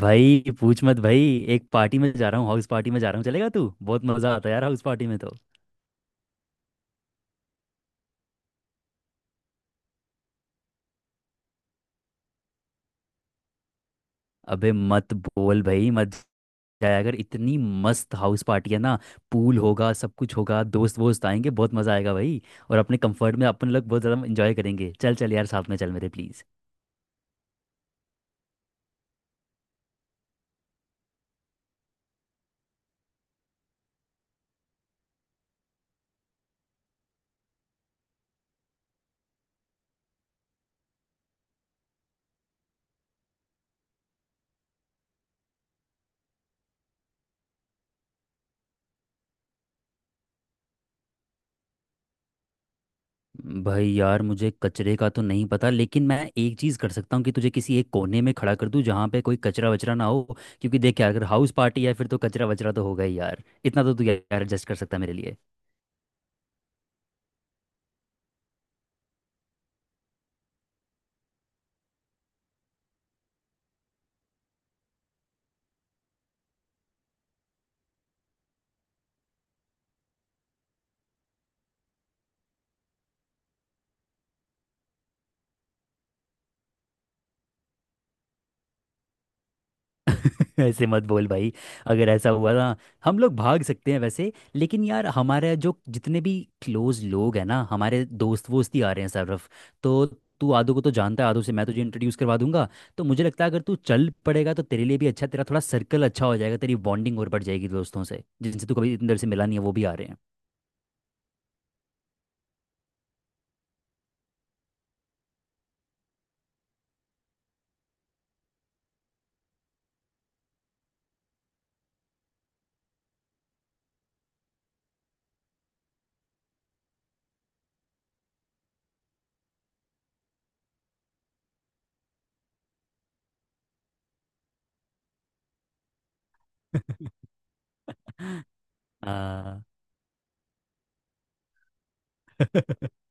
भाई पूछ मत भाई। एक पार्टी में जा रहा हूँ, हाउस पार्टी में जा रहा हूँ। चलेगा तू? बहुत मजा आता है यार हाउस पार्टी में तो। अबे मत बोल भाई, मत जाया। अगर इतनी मस्त हाउस पार्टी है ना, पूल होगा, सब कुछ होगा, दोस्त वोस्त आएंगे, बहुत मज़ा आएगा भाई। और अपने कंफर्ट में अपन लोग बहुत ज़्यादा इंजॉय करेंगे। चल चल यार, साथ में चल मेरे, प्लीज़। भाई यार, मुझे कचरे का तो नहीं पता, लेकिन मैं एक चीज़ कर सकता हूँ कि तुझे किसी एक कोने में खड़ा कर दूँ जहाँ पे कोई कचरा वचरा ना हो। क्योंकि देख यार, अगर हाउस पार्टी है फिर तो कचरा वचरा तो होगा ही यार, इतना तो तू यार एडजस्ट कर सकता है मेरे लिए। ऐसे मत बोल भाई। अगर ऐसा हुआ ना, हम लोग भाग सकते हैं वैसे। लेकिन यार हमारे जो जितने भी क्लोज लोग हैं ना, हमारे दोस्त वोस्त ही आ रहे हैं सरफ। तो तू आदू को तो जानता है, आदू से मैं तुझे इंट्रोड्यूस करवा दूंगा। तो मुझे लगता है अगर तू चल पड़ेगा तो तेरे लिए भी अच्छा, तेरा थोड़ा सर्कल अच्छा हो जाएगा, तेरी बॉन्डिंग और बढ़ जाएगी दोस्तों से जिनसे तू कभी इतनी देर से मिला नहीं है, वो भी आ रहे हैं। हाँ।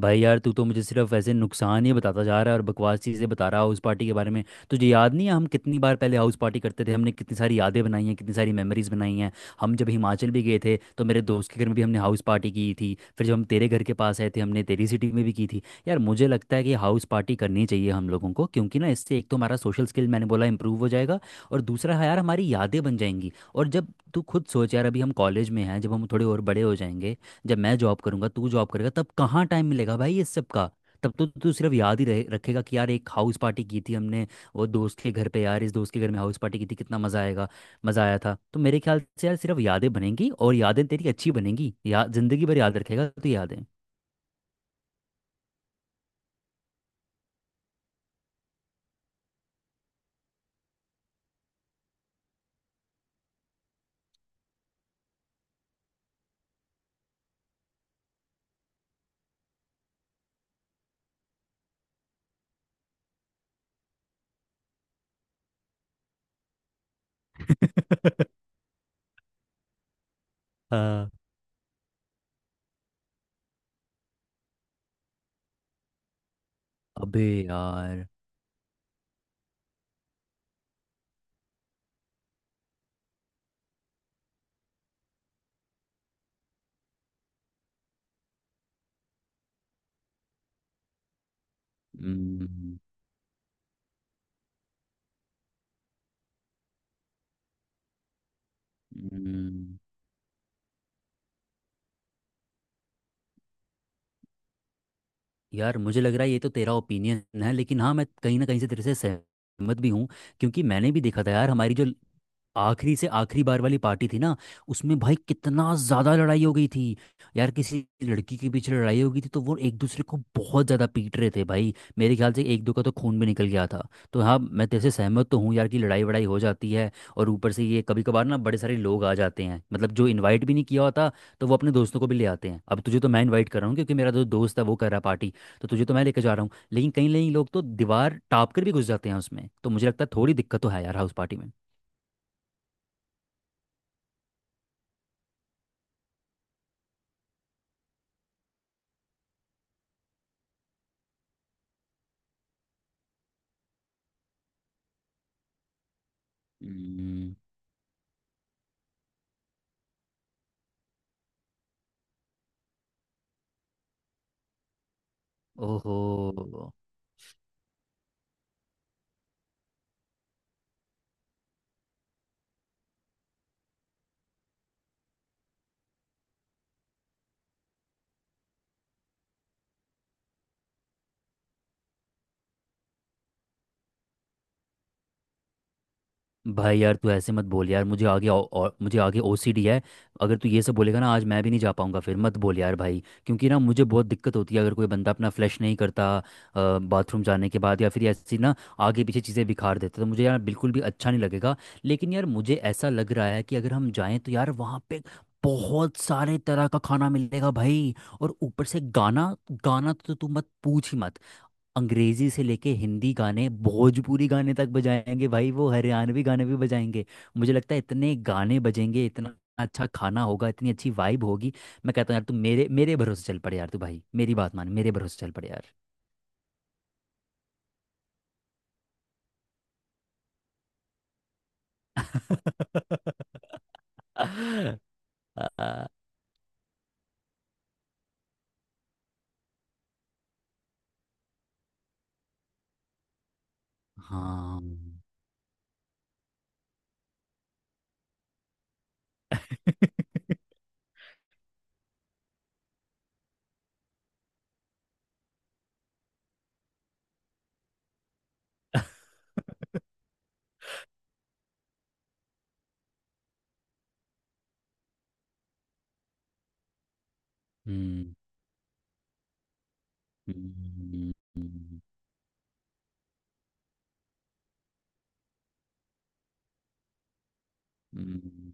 भाई यार, तू तो मुझे सिर्फ ऐसे नुकसान ही बताता जा रहा है और बकवास चीज़ें बता रहा है हाउस पार्टी के बारे में। तुझे याद नहीं है हम कितनी बार पहले हाउस पार्टी करते थे? हमने कितनी सारी यादें बनाई हैं, कितनी सारी मेमोरीज बनाई हैं। हम जब हिमाचल भी गए थे तो मेरे दोस्त के घर में भी हमने हाउस पार्टी की थी। फिर जब हम तेरे घर के पास आए थे, हमने तेरी सिटी में भी की थी। यार मुझे लगता है कि हाउस पार्टी करनी चाहिए हम लोगों को, क्योंकि ना इससे एक तो हमारा सोशल स्किल, मैंने बोला, इंप्रूव हो जाएगा। और दूसरा है यार, हमारी यादें बन जाएंगी। और जब तू खुद सोच यार, अभी हम कॉलेज में हैं, जब हम थोड़े और बड़े हो जाएंगे, जब मैं जॉब करूंगा, तू जॉब करेगा, तब कहाँ टाइम मिलेगा भाई ये सब का? तब तो तू सिर्फ याद ही रहे रखेगा कि यार एक हाउस पार्टी की थी हमने वो दोस्त के घर पे, यार इस दोस्त के घर में हाउस पार्टी की थी, कितना मज़ा आएगा, मज़ा आया था। तो मेरे ख्याल से यार सिर्फ यादें बनेंगी और यादें तेरी अच्छी बनेंगी, या जिंदगी भर याद रखेगा तो यादें। हाँ। अबे यार। हम्म, हम्म। यार मुझे लग रहा है ये तो तेरा ओपिनियन है, लेकिन हाँ, मैं कहीं ना कहीं से तेरे से सहमत भी हूँ। क्योंकि मैंने भी देखा था यार, हमारी जो आखिरी से आखिरी बार वाली पार्टी थी ना, उसमें भाई कितना ज्यादा लड़ाई हो गई थी। यार किसी लड़की के पीछे लड़ाई हो गई थी, तो वो एक दूसरे को बहुत ज्यादा पीट रहे थे भाई। मेरे ख्याल से एक दो का तो खून भी निकल गया था। तो हाँ, मैं तेरे से सहमत तो हूँ यार कि लड़ाई वड़ाई हो जाती है। और ऊपर से ये कभी कभार ना बड़े सारे लोग आ जाते हैं, मतलब जो इनवाइट भी नहीं किया होता, तो वो अपने दोस्तों को भी ले आते हैं। अब तुझे तो मैं इनवाइट कर रहा हूँ क्योंकि मेरा जो दोस्त है वो कर रहा है पार्टी, तो तुझे तो मैं लेकर जा रहा हूँ। लेकिन कई कई लोग तो दीवार टाप कर भी घुस जाते हैं उसमें, तो मुझे लगता है थोड़ी दिक्कत तो है यार हाउस पार्टी में। हम्म, ओहो। भाई यार, तू ऐसे मत बोल यार। मुझे आगे और मुझे आगे ओसीडी है। अगर तू ये सब बोलेगा ना, आज मैं भी नहीं जा पाऊंगा। फिर मत बोल यार भाई, क्योंकि ना मुझे बहुत दिक्कत होती है अगर कोई बंदा अपना फ्लश नहीं करता बाथरूम जाने के बाद, या फिर ऐसी ना आगे पीछे चीज़ें बिखार देता, तो मुझे यार बिल्कुल भी अच्छा नहीं लगेगा। लेकिन यार मुझे ऐसा लग रहा है कि अगर हम जाएं तो यार वहाँ पे बहुत सारे तरह का खाना मिलेगा भाई। और ऊपर से गाना, गाना तो तू मत पूछ ही मत। अंग्रेजी से लेके हिंदी गाने, भोजपुरी गाने तक बजाएंगे भाई, वो हरियाणवी गाने भी बजाएंगे। मुझे लगता है इतने गाने बजेंगे, इतना अच्छा खाना होगा, इतनी अच्छी वाइब होगी। मैं कहता हूँ यार, तू मेरे मेरे भरोसे चल पड़े यार। तू भाई मेरी बात मान, मेरे भरोसे चल पड़े यार। आ, हाँ। हम्म, हम्म, हम्म, हम्म।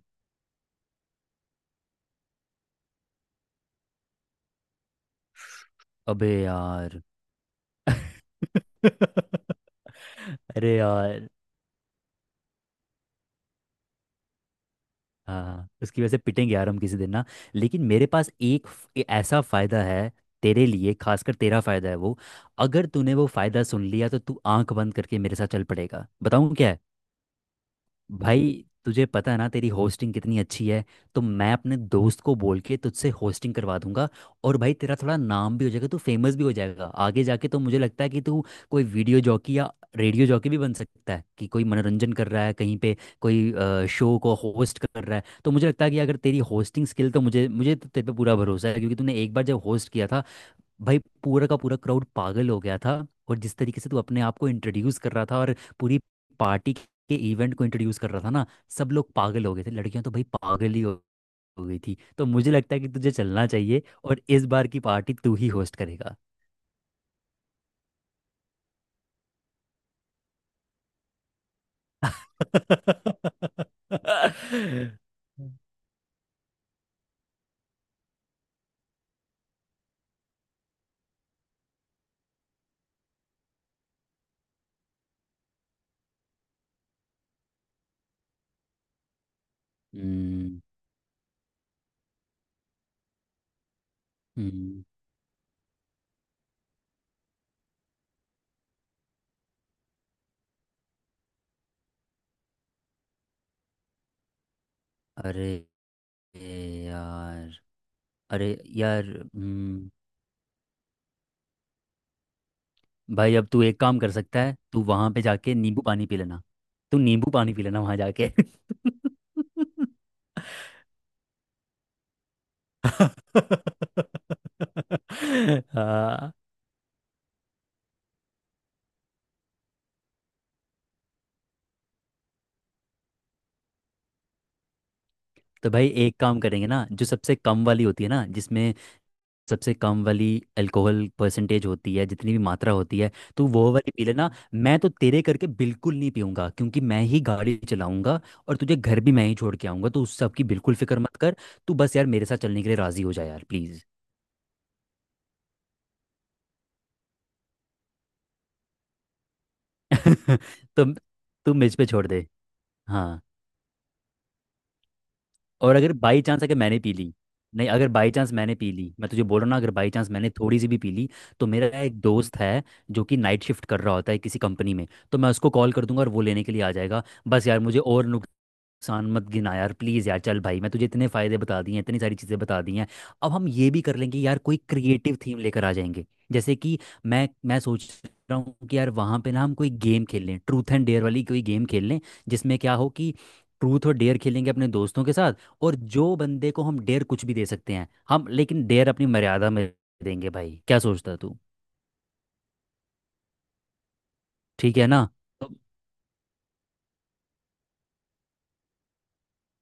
अबे यार। अरे यार। हाँ, उसकी वजह से पिटेंगे यार हम किसी दिन ना। लेकिन मेरे पास एक ऐसा फायदा है तेरे लिए, खासकर तेरा फायदा है वो। अगर तूने वो फायदा सुन लिया तो तू आंख बंद करके मेरे साथ चल पड़ेगा। बताऊँ क्या है? भाई तुझे पता है ना तेरी होस्टिंग कितनी अच्छी है। तो मैं अपने दोस्त को बोल के तुझसे होस्टिंग करवा दूंगा। और भाई तेरा थोड़ा नाम भी हो जाएगा, तू फेमस भी हो जाएगा आगे जाके। तो मुझे लगता है कि तू कोई वीडियो जॉकी या रेडियो जॉकी भी बन सकता है, कि कोई मनोरंजन कर रहा है कहीं पे, कोई शो को होस्ट कर रहा है। तो मुझे लगता है कि अगर तेरी होस्टिंग स्किल, तो मुझे मुझे तो तेरे पे पूरा भरोसा है क्योंकि तूने एक बार जब होस्ट किया था भाई, पूरा का पूरा क्राउड पागल हो गया था। और जिस तरीके से तू अपने आप को इंट्रोड्यूस कर रहा था और पूरी पार्टी के इवेंट को इंट्रोड्यूस कर रहा था ना, सब लोग पागल हो गए थे। लड़कियां तो भाई पागल ही हो गई थी। तो मुझे लगता है कि तुझे चलना चाहिए और इस बार की पार्टी तू ही होस्ट करेगा। हम्म, हम्म। अरे यार। अरे यार। हम्म, भाई अब तू एक काम कर सकता है, तू वहां पे जाके नींबू पानी पी लेना। तू नींबू पानी पी लेना वहां जाके। हाँ, तो भाई एक काम करेंगे ना, जो सबसे कम वाली होती है ना, जिसमें सबसे कम वाली अल्कोहल परसेंटेज होती है, जितनी भी मात्रा होती है, तो वो वाली पी लेना। मैं तो तेरे करके बिल्कुल नहीं पीऊंगा, क्योंकि मैं ही गाड़ी चलाऊंगा और तुझे घर भी मैं ही छोड़ के आऊंगा। तो उस सब की बिल्कुल फिक्र मत कर। तू बस यार मेरे साथ चलने के लिए राजी हो जा यार, प्लीज। तुम तुम मुझ पे छोड़ दे। हाँ। और अगर बाई चांस, अगर मैंने पी ली, नहीं, अगर बाई चांस मैंने पी ली, मैं तुझे बोल रहा हूँ ना, अगर बाई चांस मैंने थोड़ी सी भी पी ली, तो मेरा एक दोस्त है जो कि नाइट शिफ्ट कर रहा होता है किसी कंपनी में, तो मैं उसको कॉल कर दूंगा और वो लेने के लिए आ जाएगा। बस यार मुझे और नुकसान मत गिना यार, प्लीज़। यार चल भाई, मैं तुझे इतने फ़ायदे बता दिए हैं, इतनी सारी चीज़ें बता दी हैं। अब हम ये भी कर लेंगे यार, कोई क्रिएटिव थीम लेकर आ जाएंगे। जैसे कि मैं सोच रहा हूँ कि यार वहाँ पे ना हम कोई गेम खेल लें, ट्रूथ एंड डेयर वाली कोई गेम खेल लें, जिसमें क्या हो कि ट्रूथ और डेयर खेलेंगे अपने दोस्तों के साथ, और जो बंदे को हम डेयर कुछ भी दे सकते हैं हम, लेकिन डेयर अपनी मर्यादा में देंगे भाई। क्या सोचता है तू? ठीक है ना?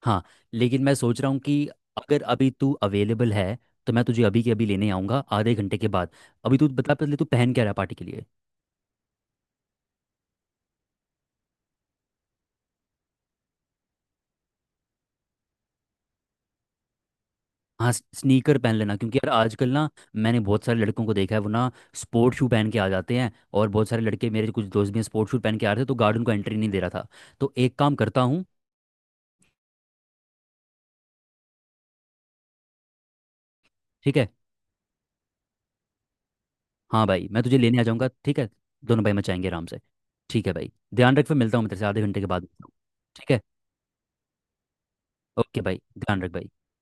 हाँ। लेकिन मैं सोच रहा हूँ कि अगर अभी तू अवेलेबल है, तो मैं तुझे अभी के अभी लेने आऊँगा आधे घंटे के बाद। अभी तू बता पहले, तू पहन क्या रहा है पार्टी के लिए? हाँ, स्नीकर पहन लेना, क्योंकि यार आजकल ना मैंने बहुत सारे लड़कों को देखा है, वो ना स्पोर्ट शू पहन के आ जाते हैं। और बहुत सारे लड़के, मेरे कुछ दोस्त भी हैं, स्पोर्ट शू पहन के आ रहे थे तो गार्ड उनको एंट्री नहीं दे रहा था। तो एक काम करता हूँ। ठीक है। हाँ भाई, मैं तुझे लेने आ जाऊँगा, ठीक है। दोनों भाई मचाएंगे आराम से। ठीक है भाई, ध्यान रख। फिर मिलता हूँ, मैं तेरे से आधे घंटे के बाद मिलता हूँ। ठीक है। ओके भाई, ध्यान रख भाई।